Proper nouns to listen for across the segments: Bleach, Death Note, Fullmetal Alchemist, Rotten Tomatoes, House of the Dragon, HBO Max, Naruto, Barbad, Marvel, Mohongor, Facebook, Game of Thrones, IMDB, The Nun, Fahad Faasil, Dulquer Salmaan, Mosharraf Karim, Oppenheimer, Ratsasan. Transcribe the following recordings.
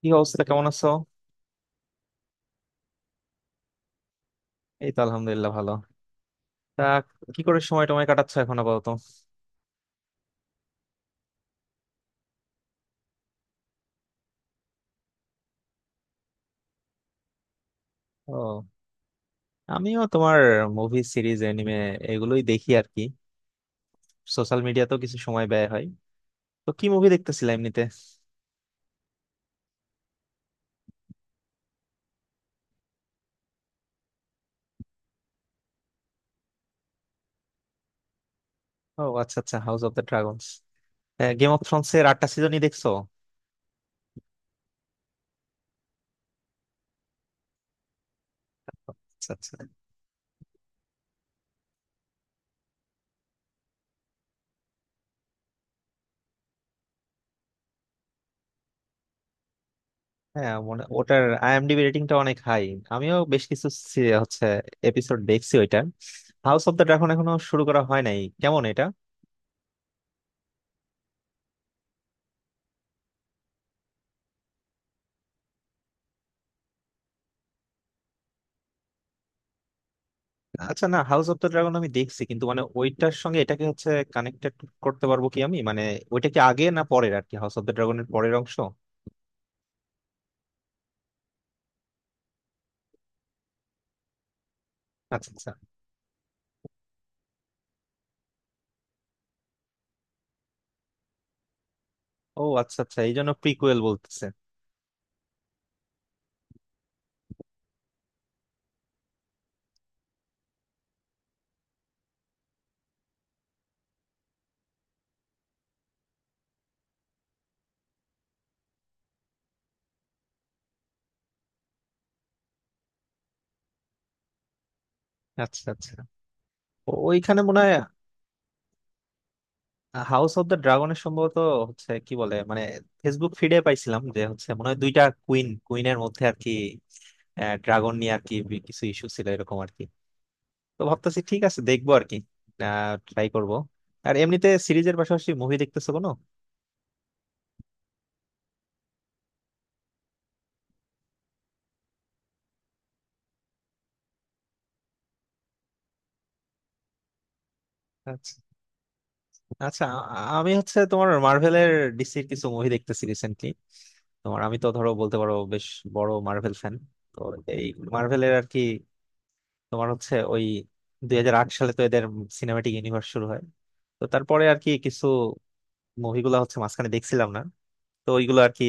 কি অবস্থা? কেমন আছো? এই তো আলহামদুলিল্লাহ, ভালো। তা কি করে সময় টময় কাটাচ্ছ এখন আপাতত? ও, আমিও তোমার মুভি, সিরিজ, এনিমে এগুলোই দেখি আর কি। সোশ্যাল মিডিয়াতেও কিছু সময় ব্যয় হয়। তো কি মুভি দেখতেছিলা এমনিতে? ও আচ্ছা আচ্ছা, House of the Dragons. Game of Thrones এর 8টা সিজনই দেখছো? আচ্ছা আচ্ছা। হ্যাঁ, মনে ওটার আইএমডিবি রেটিংটা অনেক হাই। আমিও বেশ কিছু হচ্ছে এপিসোড দেখছি ওইটার। হাউস অফ দ্য ড্রাগন এখনো শুরু করা হয় নাই, কেমন এটা? আচ্ছা না, হাউস অফ দ্য ড্রাগন আমি দেখছি, কিন্তু মানে ওইটার সঙ্গে এটাকে হচ্ছে কানেক্টেড করতে পারবো কি আমি, মানে ওইটা কি আগে না পরের আর কি, হাউস অফ দ্য ড্রাগনের পরের অংশ? আচ্ছা আচ্ছা। ও আচ্ছা আচ্ছা, এই জন্য প্রিকুয়েল বলতেছে। আচ্ছা আচ্ছা, ওইখানে মনে হয় হাউস অফ দ্য ড্রাগনের সম্ভবত হচ্ছে কি বলে মানে, ফেসবুক ফিডে পাইছিলাম যে হচ্ছে মনে হয় দুইটা কুইনের মধ্যে আর কি ড্রাগন নিয়ে আর কি কিছু ইস্যু ছিল এরকম আর কি। তো ভাবতেছি ঠিক আছে, দেখবো আর কি, ট্রাই করবো। আর এমনিতে সিরিজের পাশাপাশি মুভি দেখতেছো কোনো? আচ্ছা আচ্ছা। আমি হচ্ছে তোমার মার্ভেলের, ডিসির কিছু মুভি দেখতেছি রিসেন্টলি। তোমার আমি তো ধরো বলতে পারো বেশ বড় মার্ভেল ফ্যান। তো এই মার্ভেলের আর কি। তোমার হচ্ছে ওই 2008 সালে তো এদের সিনেমাটিক ইউনিভার্স শুরু হয়। তো তারপরে আর কি কিছু মুভিগুলা হচ্ছে মাঝখানে দেখছিলাম না, তো ওইগুলো আর কি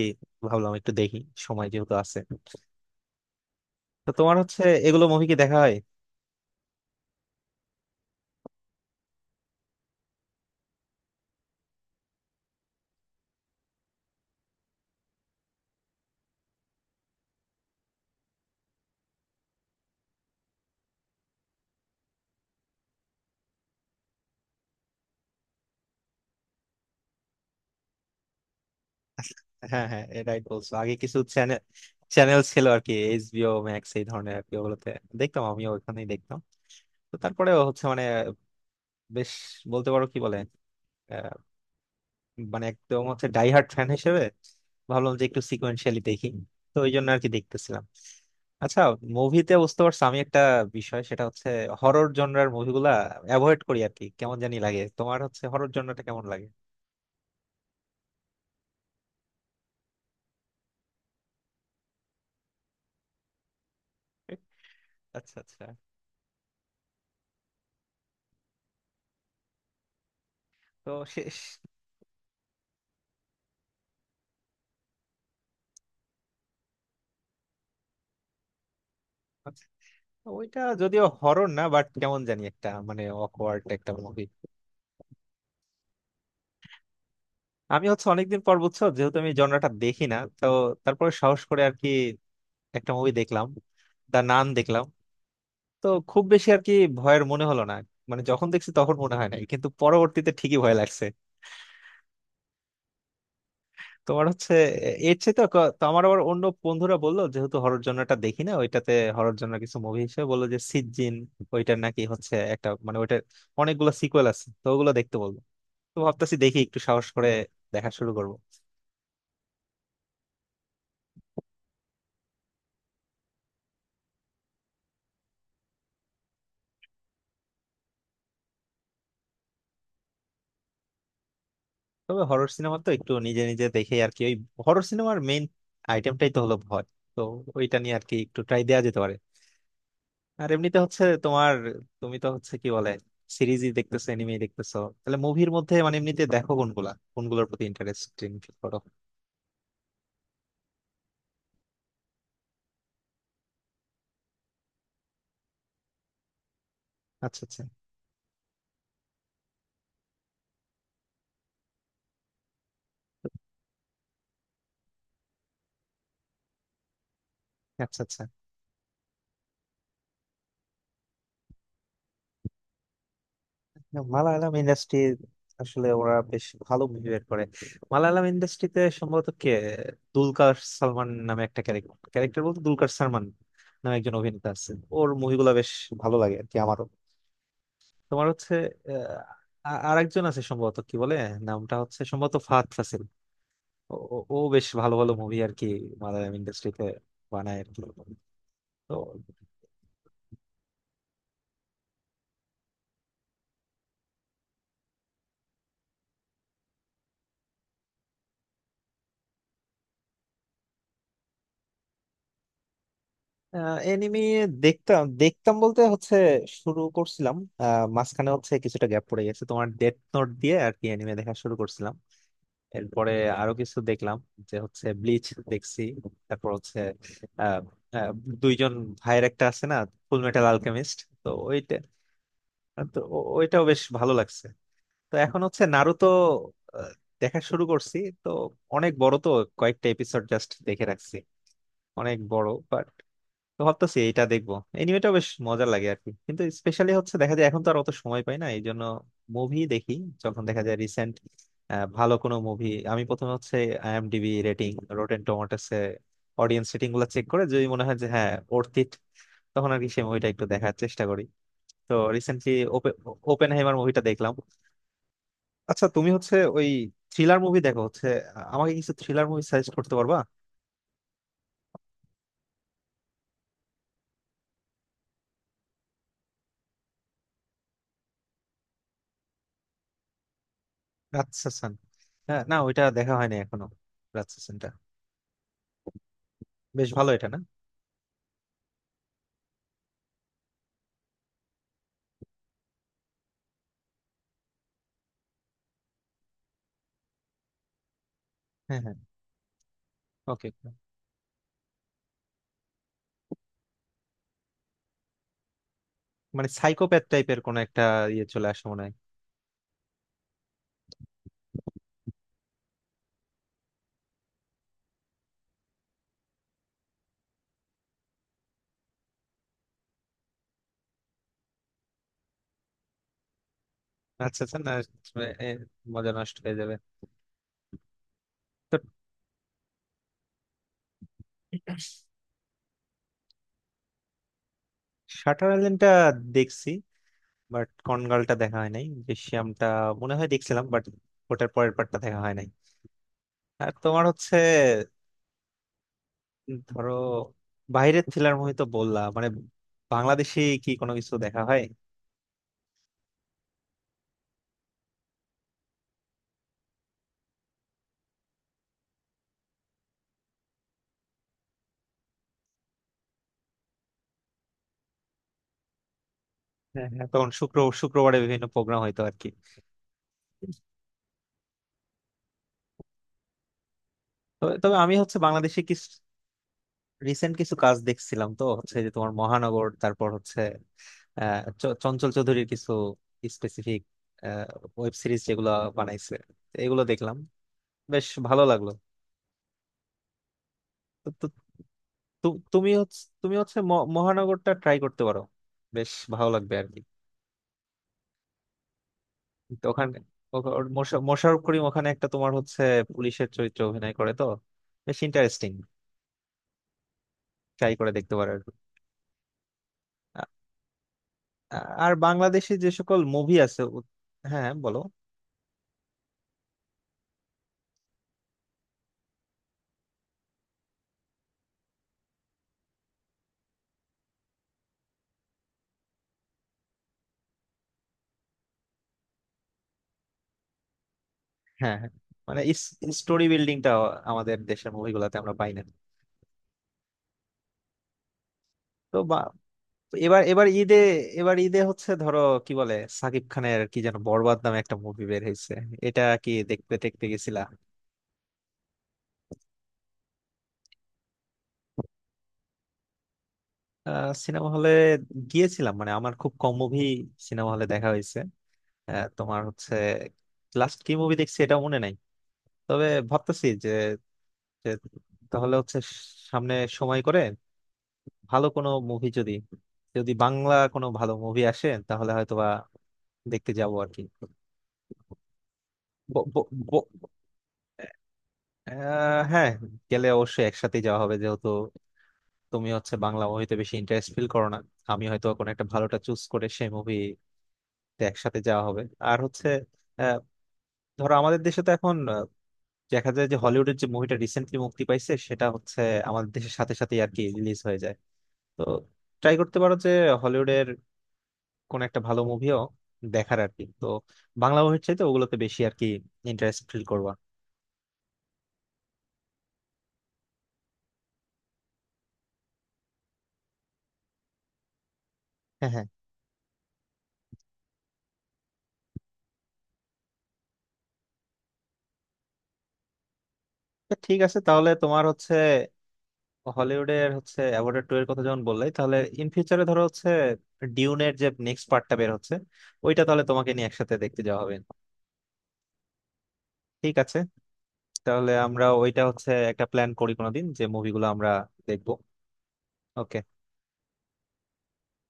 ভাবলাম একটু দেখি, সময় যেহেতু আছে। তো তোমার হচ্ছে এগুলো মুভি কি দেখা হয়? হ্যাঁ হ্যাঁ, এটাই বলছো, আগে কিছু চ্যানেল চ্যানেল ছিল আর কি, এইচবিও ম্যাক্স এই ধরনের আর কি, ওগুলোতে দেখতাম। আমিও ওখানেই দেখতাম। তো তারপরেও হচ্ছে মানে বেশ বলতে পারো কি বলে, আহ, মানে একদম হচ্ছে ডাইহার্ট ফ্যান হিসেবে ভাবলাম যে একটু সিকোয়েন্সিয়ালি দেখি। তো ওই জন্য আর কি দেখতেছিলাম। আচ্ছা, মুভিতে বুঝতে পারছো আমি একটা বিষয় সেটা হচ্ছে হরর জনরার মুভিগুলা অ্যাভয়েড করি আর কি, কেমন জানি লাগে। তোমার হচ্ছে হরর জনরাটা কেমন লাগে? আচ্ছা আচ্ছা, তো শেষ। আচ্ছা, ওইটা যদিও হরর না বাট কেমন জানি একটা মানে অকওয়ার্ড একটা মুভি। আমি হচ্ছে অনেকদিন পর, বুঝছো, যেহেতু আমি জনরাটা দেখি না, তো তারপরে সাহস করে আর কি একটা মুভি দেখলাম, দা নান দেখলাম। তো খুব বেশি আর কি ভয়ের মনে হলো না। মানে যখন দেখছি তখন মনে হয় নাই, কিন্তু পরবর্তীতে ঠিকই ভয় লাগছে। তোমার হচ্ছে এর চেয়ে তো তো আমার আবার অন্য বন্ধুরা বললো, যেহেতু হরর জনরাটা দেখি না ওইটাতে হরর জনরা কিছু মুভি হিসেবে বললো যে সিজিন, ওইটার নাকি হচ্ছে একটা মানে ওইটার অনেকগুলো সিকুয়েল আছে, তো ওগুলো দেখতে বললো। তো ভাবতেছি দেখি একটু সাহস করে দেখা শুরু করব। তবে হরর সিনেমা তো একটু নিজে নিজে দেখে আর কি, ওই হরর সিনেমার মেইন আইটেমটাই তো হলো ভয়। তো ওইটা নিয়ে আর কি একটু ট্রাই দেওয়া যেতে পারে। আর এমনিতে হচ্ছে তোমার, তুমি তো হচ্ছে কি বলে সিরিজই দেখতেছো, এনিমে দেখতেছো, তাহলে মুভির মধ্যে মানে এমনিতে দেখো কোনগুলা কোনগুলোর প্রতি ইন্টারেস্টিং ফিল করো? আচ্ছা আচ্ছা। আচ্ছা আচ্ছা, মালায়ালাম ইন্ডাস্ট্রি আসলে ওরা বেশ ভালো মুভি বের করে। মালায়ালাম ইন্ডাস্ট্রিতে সম্ভবত কে, দুলকার সালমান নামে একটা ক্যারেক্টার, ক্যারেক্টার বলতে দুলকার সালমান নামে একজন অভিনেতা আছে। ওর মুভিগুলো বেশ ভালো লাগে আর কি আমারও। তোমার হচ্ছে আরেকজন আছে সম্ভবত কি বলে, নামটা হচ্ছে সম্ভবত ফাহাদ ফাসিল। ও ও- ও বেশ ভালো ভালো মুভি আর কি মালায়ালাম ইন্ডাস্ট্রিতে বানায় আর কি। তো এনিমি, দেখতাম দেখতাম বলতে হচ্ছে শুরু করছিলাম। মাঝখানে হচ্ছে কিছুটা গ্যাপ পড়ে গেছে। তোমার ডেথ নোট দিয়ে আর কি এনিমে দেখা শুরু করছিলাম। এরপরে আরো কিছু দেখলাম, যে হচ্ছে ব্লিচ দেখছি। তারপর হচ্ছে আহ, আহ, দুইজন ভাইয়ের একটা আছে না, ফুল মেটাল আলকেমিস্ট, তো ওইটা, তো ওইটাও বেশ ভালো লাগছে। তো এখন হচ্ছে নারুতো আহ, দেখা শুরু করছি। তো অনেক বড় তো, কয়েকটা এপিসোড জাস্ট দেখে রাখছি। অনেক বড় বাট, তো ভাবতেছি এটা দেখবো। এনিমেটা বেশ মজা লাগে আর কি, কিন্তু স্পেশালি হচ্ছে দেখা যায়, এখন তো আর অত সময় পাই না এই জন্য মুভি দেখি যখন দেখা যায়। রিসেন্ট ভালো কোনো মুভি, আমি প্রথমে হচ্ছে আইএমডিবি রেটিং, রোটেন টমেটোস এ অডিয়েন্স রেটিং গুলো চেক করে যদি মনে হয় যে হ্যাঁ ওর্থ ইট, তখন আর কি সেই মুভিটা একটু দেখার চেষ্টা করি। তো রিসেন্টলি ওপেন হাইমার মুভিটা দেখলাম। আচ্ছা, তুমি হচ্ছে ওই থ্রিলার মুভি দেখো হচ্ছে, আমাকে কিছু থ্রিলার মুভি সাজেস্ট করতে পারবা? রাতসাসান, হ্যাঁ না ওইটা দেখা হয়নি এখনো। রাতসাসানটা বেশ ভালো এটা না? হ্যাঁ হ্যাঁ, ওকে। মানে সাইকোপ্যাথ টাইপের কোন একটা ইয়ে চলে আসে মনে হয়। রাতসাসান না, এ, মজা নষ্ট হয়ে যাবে। তো শাটার আইল্যান্ডটা দেখছি, বাট কনগালটা দেখা হয় নাই, দৃশ্যমটা মনে হয় দেখছিলাম বাট ওটার পরের পার্টটা দেখা হয় নাই। আর তোমার হচ্ছে ধরো বাইরের থ্রিলার মুভি তো বললা, মানে বাংলাদেশে কি কোনো কিছু দেখা হয়? হ্যাঁ হ্যাঁ, তখন শুক্রবারে বিভিন্ন প্রোগ্রাম হইতো আর কি। তবে তবে আমি হচ্ছে বাংলাদেশে কিছু রিসেন্ট কিছু কাজ দেখছিলাম, তো হচ্ছে যে তোমার মহানগর, তারপর হচ্ছে আহ চঞ্চল চৌধুরীর কিছু স্পেসিফিক ওয়েব সিরিজ যেগুলো বানাইছে, তো এগুলো দেখলাম, বেশ ভালো লাগলো। তো তো- তুমি হচ্ছে মহানগরটা ট্রাই করতে পারো, বেশ ভালো লাগবে আর কি। তো ওখানে ওর মোশাররফ করিম ওখানে একটা তোমার হচ্ছে পুলিশের চরিত্রে অভিনয় করে, তো বেশ ইন্টারেস্টিং, ট্রাই করে দেখতে পারো আর কি। আ- আ- আর বাংলাদেশে যে সকল মুভি আছে হ্যাঁ হ্যাঁ, বলো। হ্যাঁ হ্যাঁ, মানে স্টোরি বিল্ডিংটা আমাদের দেশের মুভিগুলোতে আমরা পাই না। তো বা, এবার এবার ঈদে এবার ঈদে হচ্ছে ধরো কি বলে, সাকিব খানের কি যেন বরবাদ নামে একটা মুভি বের হয়েছে, এটা কি দেখতে দেখতে গেছিলা? আহ, সিনেমা হলে গিয়েছিলাম মানে আমার খুব কম মুভি সিনেমা হলে দেখা হয়েছে। তোমার হচ্ছে লাস্ট কি মুভি দেখছি এটা মনে নাই। তবে ভাবতেছি যে, যে তাহলে হচ্ছে সামনে সময় করে ভালো কোনো মুভি যদি, যদি বাংলা কোনো ভালো মুভি আসে তাহলে হয়তোবা দেখতে যাবো আর কি। ব- ব- ব- হ্যাঁ, গেলে অবশ্যই একসাথে যাওয়া হবে যেহেতু তুমি হচ্ছে বাংলা মুভিতে বেশি ইন্টারেস্ট ফিল করো না, আমি হয়তো কোনো একটা ভালোটা চুজ করে সেই মুভিতে একসাথে যাওয়া হবে। আর হচ্ছে আহ, ধরো আমাদের দেশে তো এখন দেখা যায় যে হলিউডের যে মুভিটা রিসেন্টলি মুক্তি পাইছে সেটা হচ্ছে আমাদের দেশের সাথে সাথে আর কি রিলিজ হয়ে যায়। তো ট্রাই করতে পারো যে হলিউডের কোন একটা ভালো মুভিও দেখার আর কি। তো বাংলা মুভির চাইতে ওগুলোতে বেশি আর কি ইন্টারেস্ট ফিল করবা। হ্যাঁ হ্যাঁ, তো ঠিক আছে তাহলে তোমার হচ্ছে হলিউডের হচ্ছে অ্যাভয়েড টু এর কথা যখন বললেই তাহলে ইন ফিউচারে ধরো হচ্ছে ডিউনের যে নেক্সট পার্টটা বের হচ্ছে ওইটা তাহলে তোমাকে নিয়ে একসাথে দেখতে যাওয়া হবে। ঠিক আছে, তাহলে আমরা ওইটা হচ্ছে একটা প্ল্যান করি কোনোদিন যে মুভিগুলো আমরা দেখবো। ওকে।